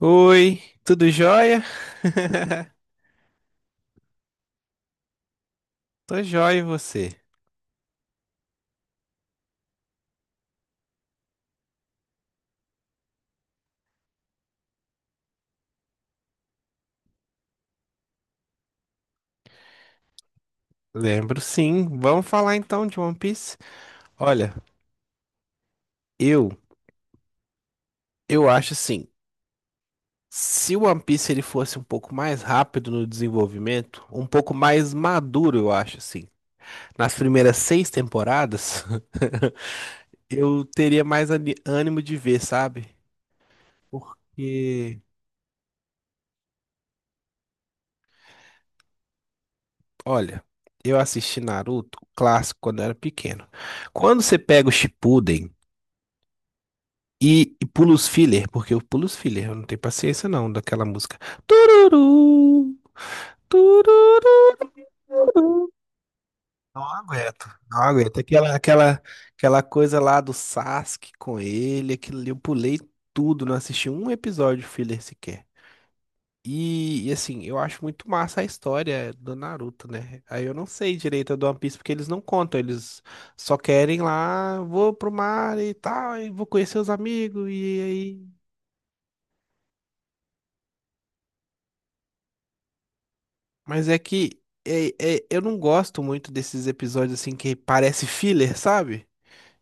Oi, tudo jóia? Tô jóia e você? Lembro sim. Vamos falar então de One Piece? Olha, eu eu acho assim, se o One Piece ele fosse um pouco mais rápido no desenvolvimento, um pouco mais maduro, eu acho assim. Nas primeiras seis temporadas, eu teria mais ânimo de ver, sabe? Porque, olha, eu assisti Naruto, o clássico, quando eu era pequeno. Quando você pega o Shippuden e pulo os filler, porque eu pulo os filler, eu não tenho paciência não daquela música. Tururu, tururu. Não aguento, não aguento. Aquela coisa lá do Sasuke com ele, aquilo ali, eu pulei tudo, não assisti um episódio filler sequer. Assim, eu acho muito massa a história do Naruto, né? Aí eu não sei direito a do One Piece porque eles não contam, eles só querem lá, vou pro mar e tal, e vou conhecer os amigos, e aí mas é que é, eu não gosto muito desses episódios assim que parece filler, sabe?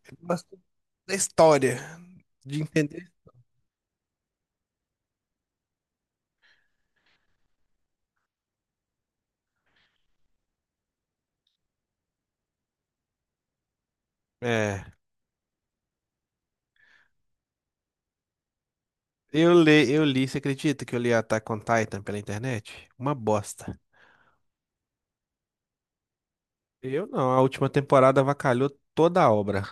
Eu gosto da história, de entender. É, eu li, você acredita que eu li Attack on Titan pela internet? Uma bosta. Eu não, a última temporada avacalhou toda a obra.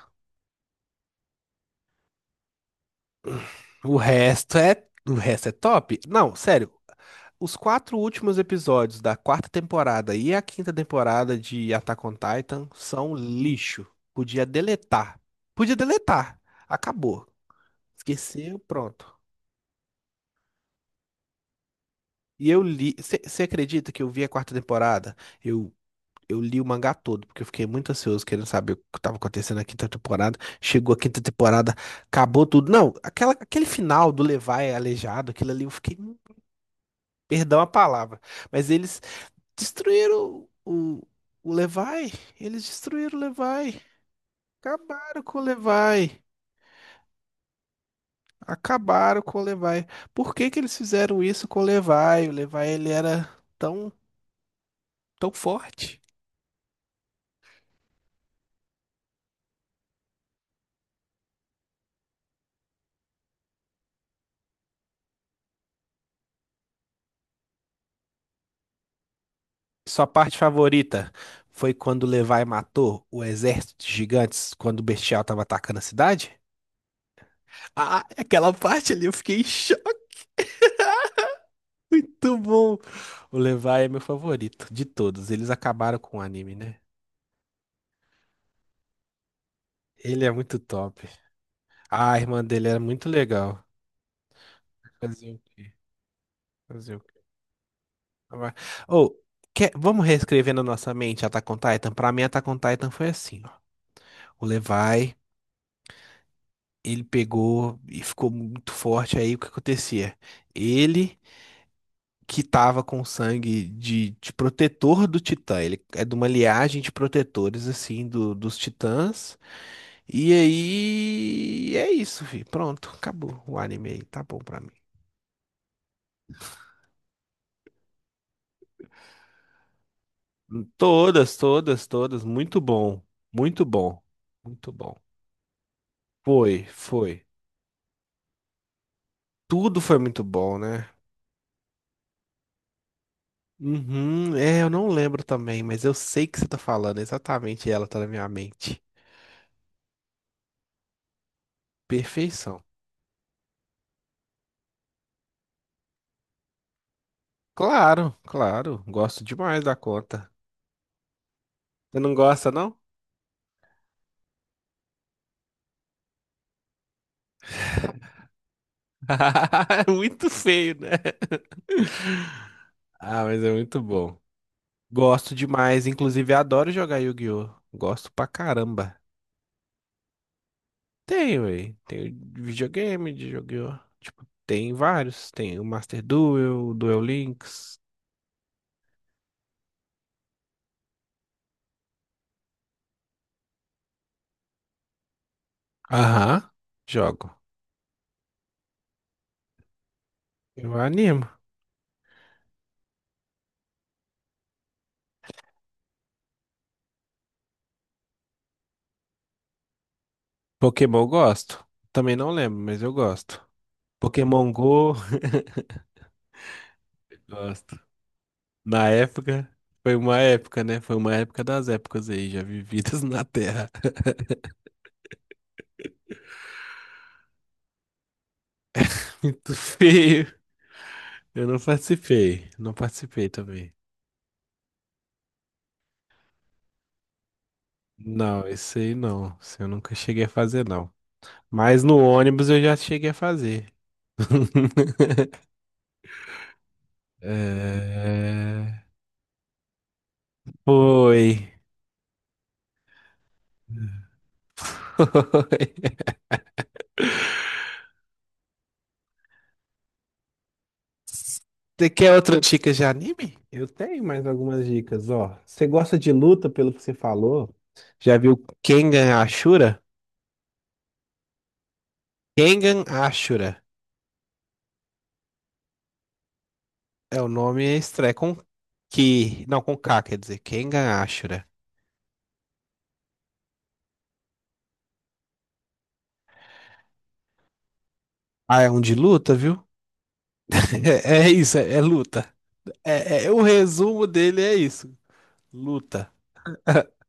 O resto é top? Não, sério, os quatro últimos episódios da quarta temporada e a quinta temporada de Attack on Titan são lixo. Podia deletar. Podia deletar. Acabou. Esqueceu, pronto. E eu li. Você acredita que eu vi a quarta temporada? Eu, eu li o mangá todo, porque eu fiquei muito ansioso querendo saber o que estava acontecendo na quinta temporada. Chegou a quinta temporada, acabou tudo. Não, aquela, aquele final do Levi aleijado, aquilo ali, eu fiquei. Perdão a palavra. Mas eles destruíram o Levi. Eles destruíram o Levi. Acabaram com o Levi. Acabaram com o Levi. Por que que eles fizeram isso com o Levi? O Levi, ele era tão, tão forte. Sua parte favorita foi quando o Levi matou o exército de gigantes quando o Bestial tava atacando a cidade? Ah, aquela parte ali eu fiquei em choque. Muito bom. O Levi é meu favorito de todos. Eles acabaram com o anime, né? Ele é muito top. A irmã dele era muito legal. Fazer o quê? Fazer o quê? Vai- Ô, vamos reescrever na nossa mente Attack on Titan? Pra mim, Attack on Titan foi assim, ó. O Levi, ele pegou e ficou muito forte. Aí, o que acontecia? Ele que tava com sangue de protetor do Titã. Ele é de uma liagem de protetores, assim, dos Titãs. E aí... é isso, fi. Pronto, acabou o anime aí. Tá bom pra mim. Todas, todas, todas. Muito bom. Muito bom. Muito bom. Foi, foi. Tudo foi muito bom, né? Uhum, é, eu não lembro também, mas eu sei que você tá falando. Exatamente ela tá na minha mente. Perfeição. Claro, claro. Gosto demais da conta. Você não gosta, não? É muito feio, né? Ah, mas é muito bom. Gosto demais. Inclusive, adoro jogar Yu-Gi-Oh! Gosto pra caramba. Tem, velho. Tem videogame, de jogo. Tipo, tem vários. Tem o Master Duel, o Duel Links. Aham. Jogo. Eu animo. Pokémon eu gosto. Também não lembro, mas eu gosto. Pokémon Go, gosto. Na época, foi uma época, né? Foi uma época das épocas aí, já vividas na Terra. Muito feio. Eu não participei. Não participei também. Não, esse aí não. Esse eu nunca cheguei a fazer, não. Mas no ônibus eu já cheguei a fazer. É... Oi. Oi. Você quer outra dica de anime? Eu tenho mais algumas dicas, ó. Você gosta de luta, pelo que você falou? Já viu Kengan Ashura? Kengan Ashura. É o nome é é com que. Não, com K, quer dizer. Kengan Ashura. Ah, é um de luta, viu? É, é isso, é, é luta. É, o resumo dele é isso. Luta.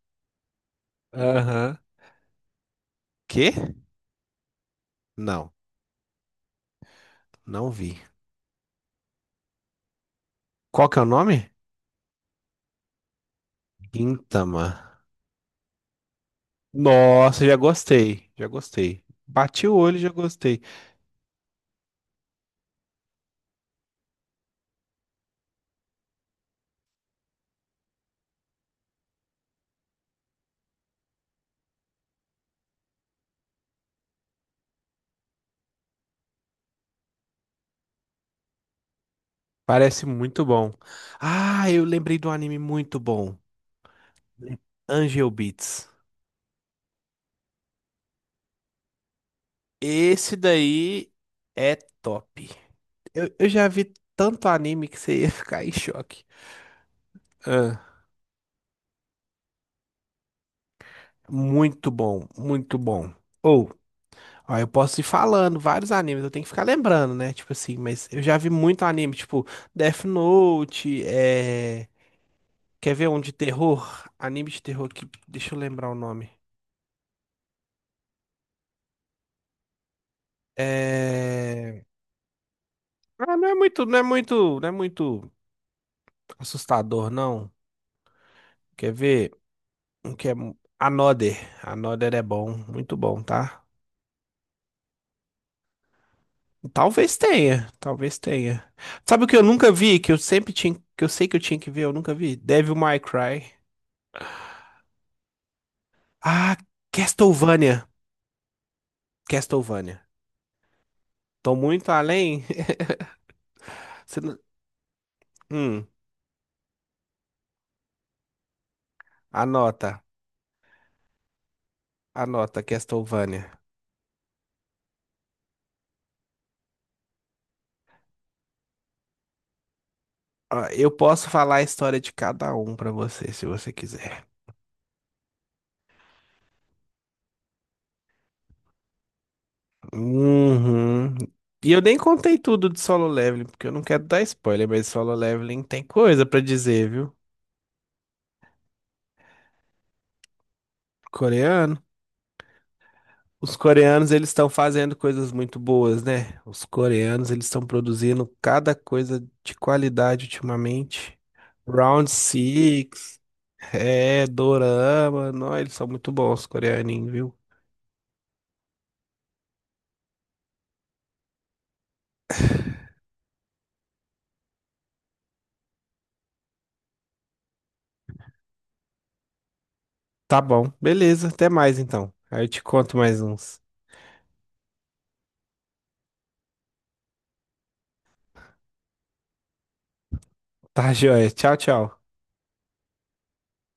Aham. Quê? Não, não vi. Qual que é o nome? Gintama. Nossa, já gostei, já gostei. Bati o olho e já gostei. Parece muito bom. Ah, eu lembrei de um anime muito bom. Le- Angel Beats. Esse daí é top. Eu já vi tanto anime que você ia ficar em choque. Ah, muito bom, muito bom. Ou, ó, eu posso ir falando vários animes, eu tenho que ficar lembrando, né? Tipo assim, mas eu já vi muito anime, tipo Death Note, é. Quer ver um de terror? Anime de terror que. Deixa eu lembrar o nome. É. Ah, não é muito assustador, não. Quer ver? Um que é. Another. Another é bom, muito bom, tá? Talvez tenha, talvez tenha. Sabe o que eu nunca vi, que eu sempre tinha, que eu sei que eu tinha que ver, eu nunca vi? Devil May Cry. Ah, Castlevania. Castlevania. Tô muito além. Você não- Hum, anota, anota Castlevania. Ó, eu posso falar a história de cada um pra você, se você quiser. Uhum. E eu nem contei tudo de Solo Leveling, porque eu não quero dar spoiler, mas Solo Leveling tem coisa pra dizer, viu? Coreano. Os coreanos, eles estão fazendo coisas muito boas, né? Os coreanos, eles estão produzindo cada coisa de qualidade ultimamente. Round Six, é, Dorama, não, eles são muito bons, os coreaninhos, viu? Tá bom, beleza, até mais então. Aí eu te conto mais uns. Tá, joia. Tchau, tchau.